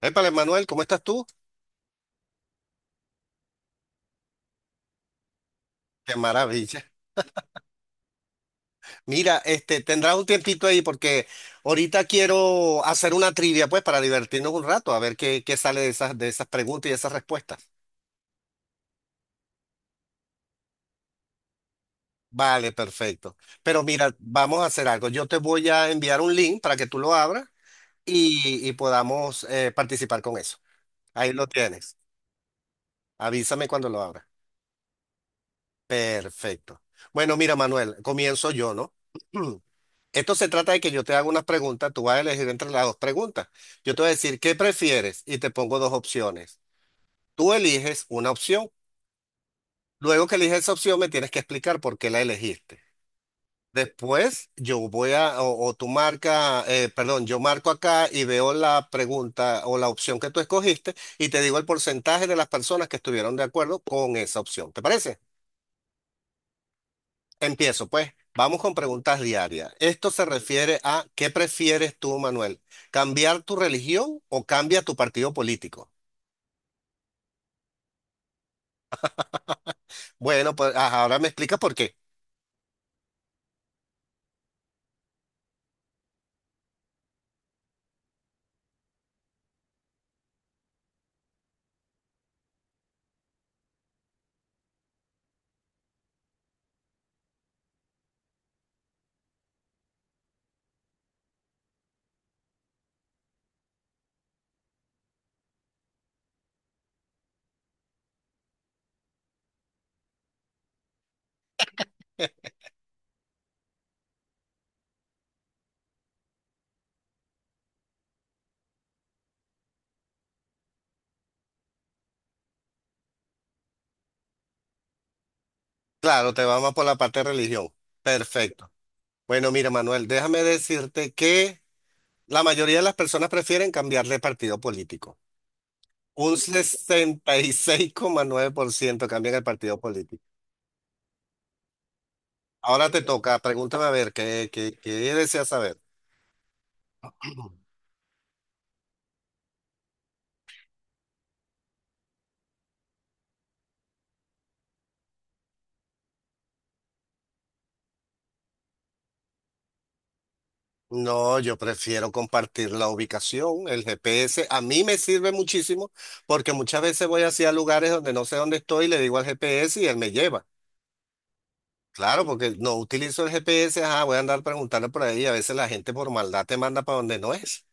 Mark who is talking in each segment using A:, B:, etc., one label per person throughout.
A: Épale, Manuel, ¿cómo estás tú? Qué maravilla. Mira, este, tendrás un tiempito ahí porque ahorita quiero hacer una trivia, pues, para divertirnos un rato, a ver qué sale de esas preguntas y esas respuestas. Vale, perfecto. Pero mira, vamos a hacer algo. Yo te voy a enviar un link para que tú lo abras y podamos participar con eso. Ahí lo tienes. Avísame cuando lo abras. Perfecto. Bueno, mira, Manuel, comienzo yo, ¿no? Esto se trata de que yo te haga unas preguntas, tú vas a elegir entre las dos preguntas. Yo te voy a decir, ¿qué prefieres? Y te pongo dos opciones. Tú eliges una opción. Luego que eliges esa opción, me tienes que explicar por qué la elegiste. Después, yo voy a, o tú marca, perdón, yo marco acá y veo la pregunta o la opción que tú escogiste y te digo el porcentaje de las personas que estuvieron de acuerdo con esa opción. ¿Te parece? Empiezo, pues. Vamos con preguntas diarias. Esto se refiere a ¿qué prefieres tú, Manuel? ¿Cambiar tu religión o cambia tu partido político? Bueno, pues ajá, ahora me explicas por qué. Claro, te vamos por la parte de religión. Perfecto. Bueno, mira, Manuel, déjame decirte que la mayoría de las personas prefieren cambiar de partido político. Un sesenta y seis coma nueve por ciento cambian el partido político. Ahora te toca, pregúntame a ver, ¿qué deseas saber? No, yo prefiero compartir la ubicación, el GPS. A mí me sirve muchísimo porque muchas veces voy hacia lugares donde no sé dónde estoy y le digo al GPS y él me lleva. Claro, porque no utilizo el GPS, ah, voy a andar preguntando por ahí y a veces la gente por maldad te manda para donde no es.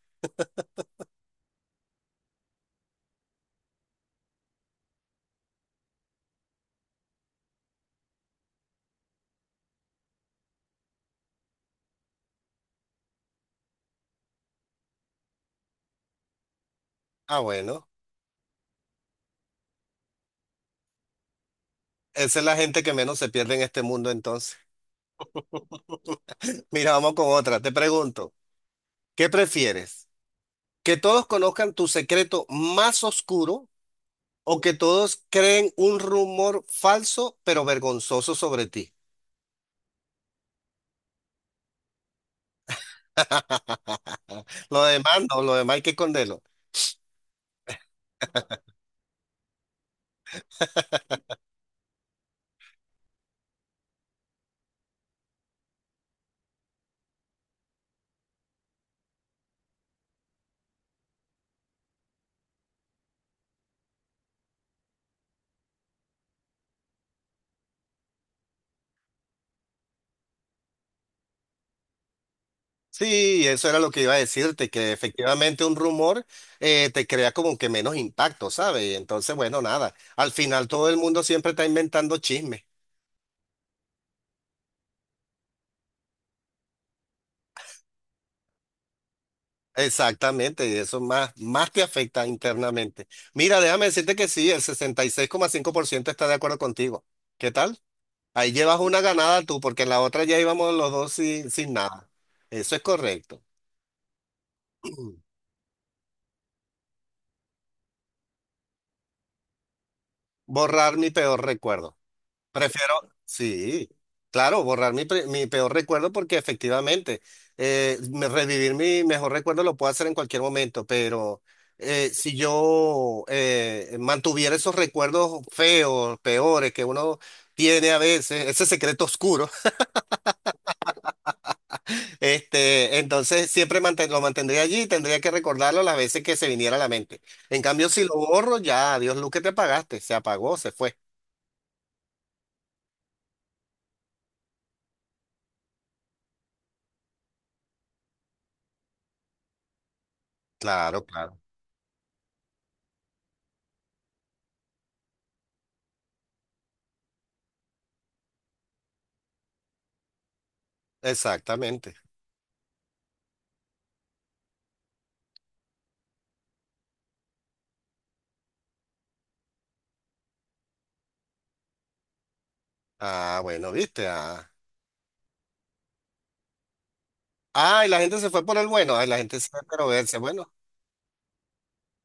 A: Ah, bueno, esa es la gente que menos se pierde en este mundo entonces. Mira, vamos con otra. Te pregunto, ¿qué prefieres? ¿Que todos conozcan tu secreto más oscuro o que todos creen un rumor falso pero vergonzoso sobre ti? Lo demás no, lo demás hay que esconderlo. Sí, eso era lo que iba a decirte, que efectivamente un rumor te crea como que menos impacto, ¿sabes? Y entonces, bueno, nada, al final todo el mundo siempre está inventando chismes. Exactamente, y eso más te afecta internamente. Mira, déjame decirte que sí, el sesenta y seis coma cinco por ciento está de acuerdo contigo. ¿Qué tal? Ahí llevas una ganada tú, porque en la otra ya íbamos los dos sin nada. Eso es correcto. Borrar mi peor recuerdo. Prefiero, sí, claro, borrar mi peor recuerdo porque efectivamente revivir mi mejor recuerdo lo puedo hacer en cualquier momento, pero si yo mantuviera esos recuerdos feos, peores que uno tiene a veces, ese secreto oscuro, entonces siempre lo mantendría allí y tendría que recordarlo las veces que se viniera a la mente. En cambio, si lo borro, ya, adiós, Luz, que te apagaste, se apagó, se fue. Claro, claro. Exactamente. Ah, bueno, viste. Ah. Ay, la gente se fue por el bueno. Ay, la gente se fue pero verse. Bueno,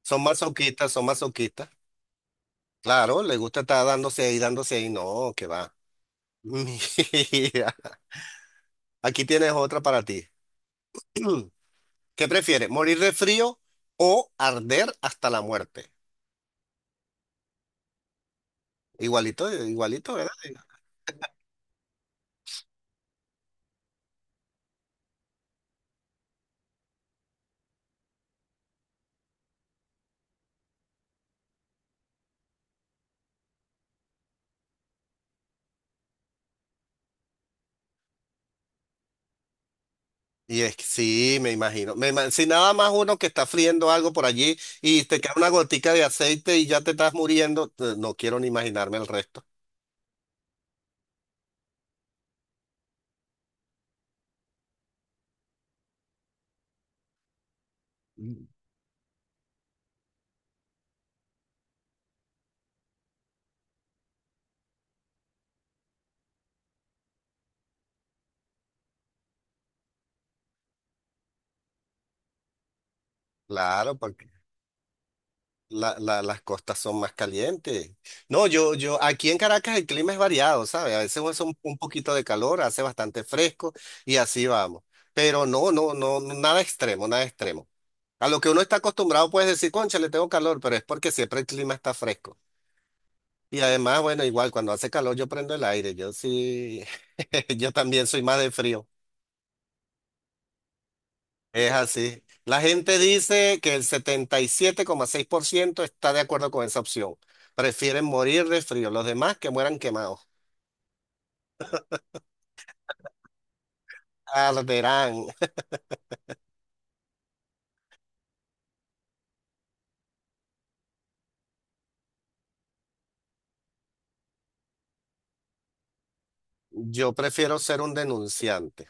A: son masoquistas, son masoquistas. Claro, les gusta estar dándose ahí, dándose ahí. No, que va. Mira, aquí tienes otra para ti. ¿Qué prefieres? ¿Morir de frío o arder hasta la muerte? Igualito, igualito, ¿verdad? Y es que sí, me imagino. Si nada más uno que está friendo algo por allí y te cae una gotica de aceite y ya te estás muriendo, no quiero ni imaginarme el resto. Mm. Claro, porque las costas son más calientes. No, aquí en Caracas el clima es variado, ¿sabes? A veces hace un poquito de calor, hace bastante fresco y así vamos. Pero nada extremo, nada extremo. A lo que uno está acostumbrado puedes decir, concha, le tengo calor, pero es porque siempre el clima está fresco. Y además, bueno, igual cuando hace calor yo prendo el aire, yo sí, yo también soy más de frío. Es así. La gente dice que el setenta y siete coma seis por ciento está de acuerdo con esa opción. Prefieren morir de frío. Los demás que mueran quemados. Arderán. Yo prefiero ser un denunciante.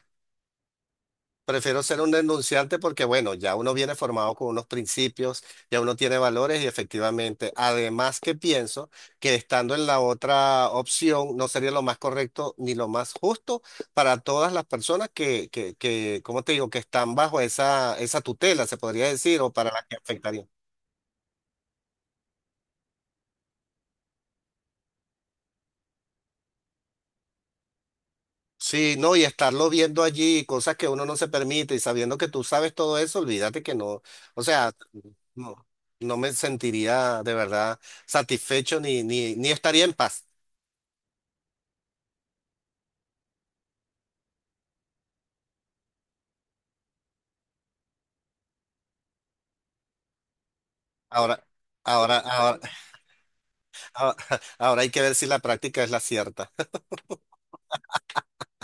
A: Prefiero ser un denunciante porque, bueno, ya uno viene formado con unos principios, ya uno tiene valores y efectivamente, además que pienso que estando en la otra opción no sería lo más correcto ni lo más justo para todas las personas que, ¿cómo te digo?, que están bajo esa tutela, se podría decir, o para las que afectaría. Sí, no, y estarlo viendo allí, cosas que uno no se permite, y sabiendo que tú sabes todo eso, olvídate que no, o sea, no, no me sentiría de verdad satisfecho ni estaría en paz. Ahora, ahora, ahora, ahora, ahora hay que ver si la práctica es la cierta.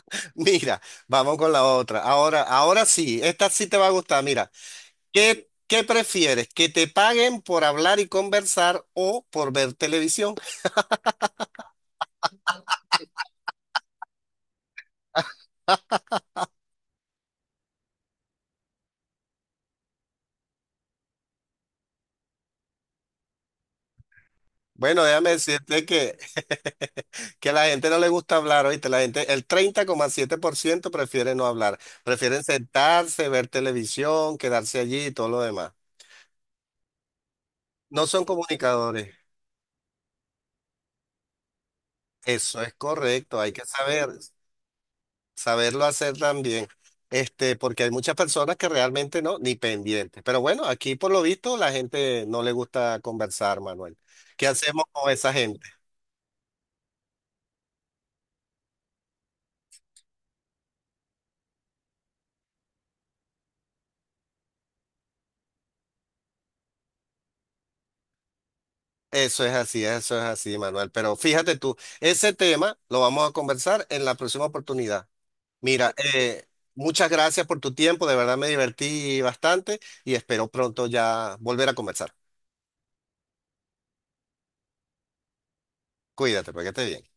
A: Mira, vamos con la otra. Ahora, ahora sí, esta sí te va a gustar. Mira, ¿qué prefieres? ¿Que te paguen por hablar y conversar o por ver televisión? Bueno, déjame decirte que, que a la gente no le gusta hablar, ¿oíste? La gente, el treinta coma siete por ciento prefiere no hablar, prefieren sentarse, ver televisión, quedarse allí y todo lo demás. No son comunicadores. Eso es correcto, hay que saber, saberlo hacer también. Este, porque hay muchas personas que realmente no, ni pendientes. Pero bueno, aquí por lo visto la gente no le gusta conversar, Manuel. ¿Qué hacemos con esa gente? Eso es así, Manuel. Pero fíjate tú, ese tema lo vamos a conversar en la próxima oportunidad. Mira, muchas gracias por tu tiempo, de verdad me divertí bastante y espero pronto ya volver a conversar. Cuídate, para que estés bien.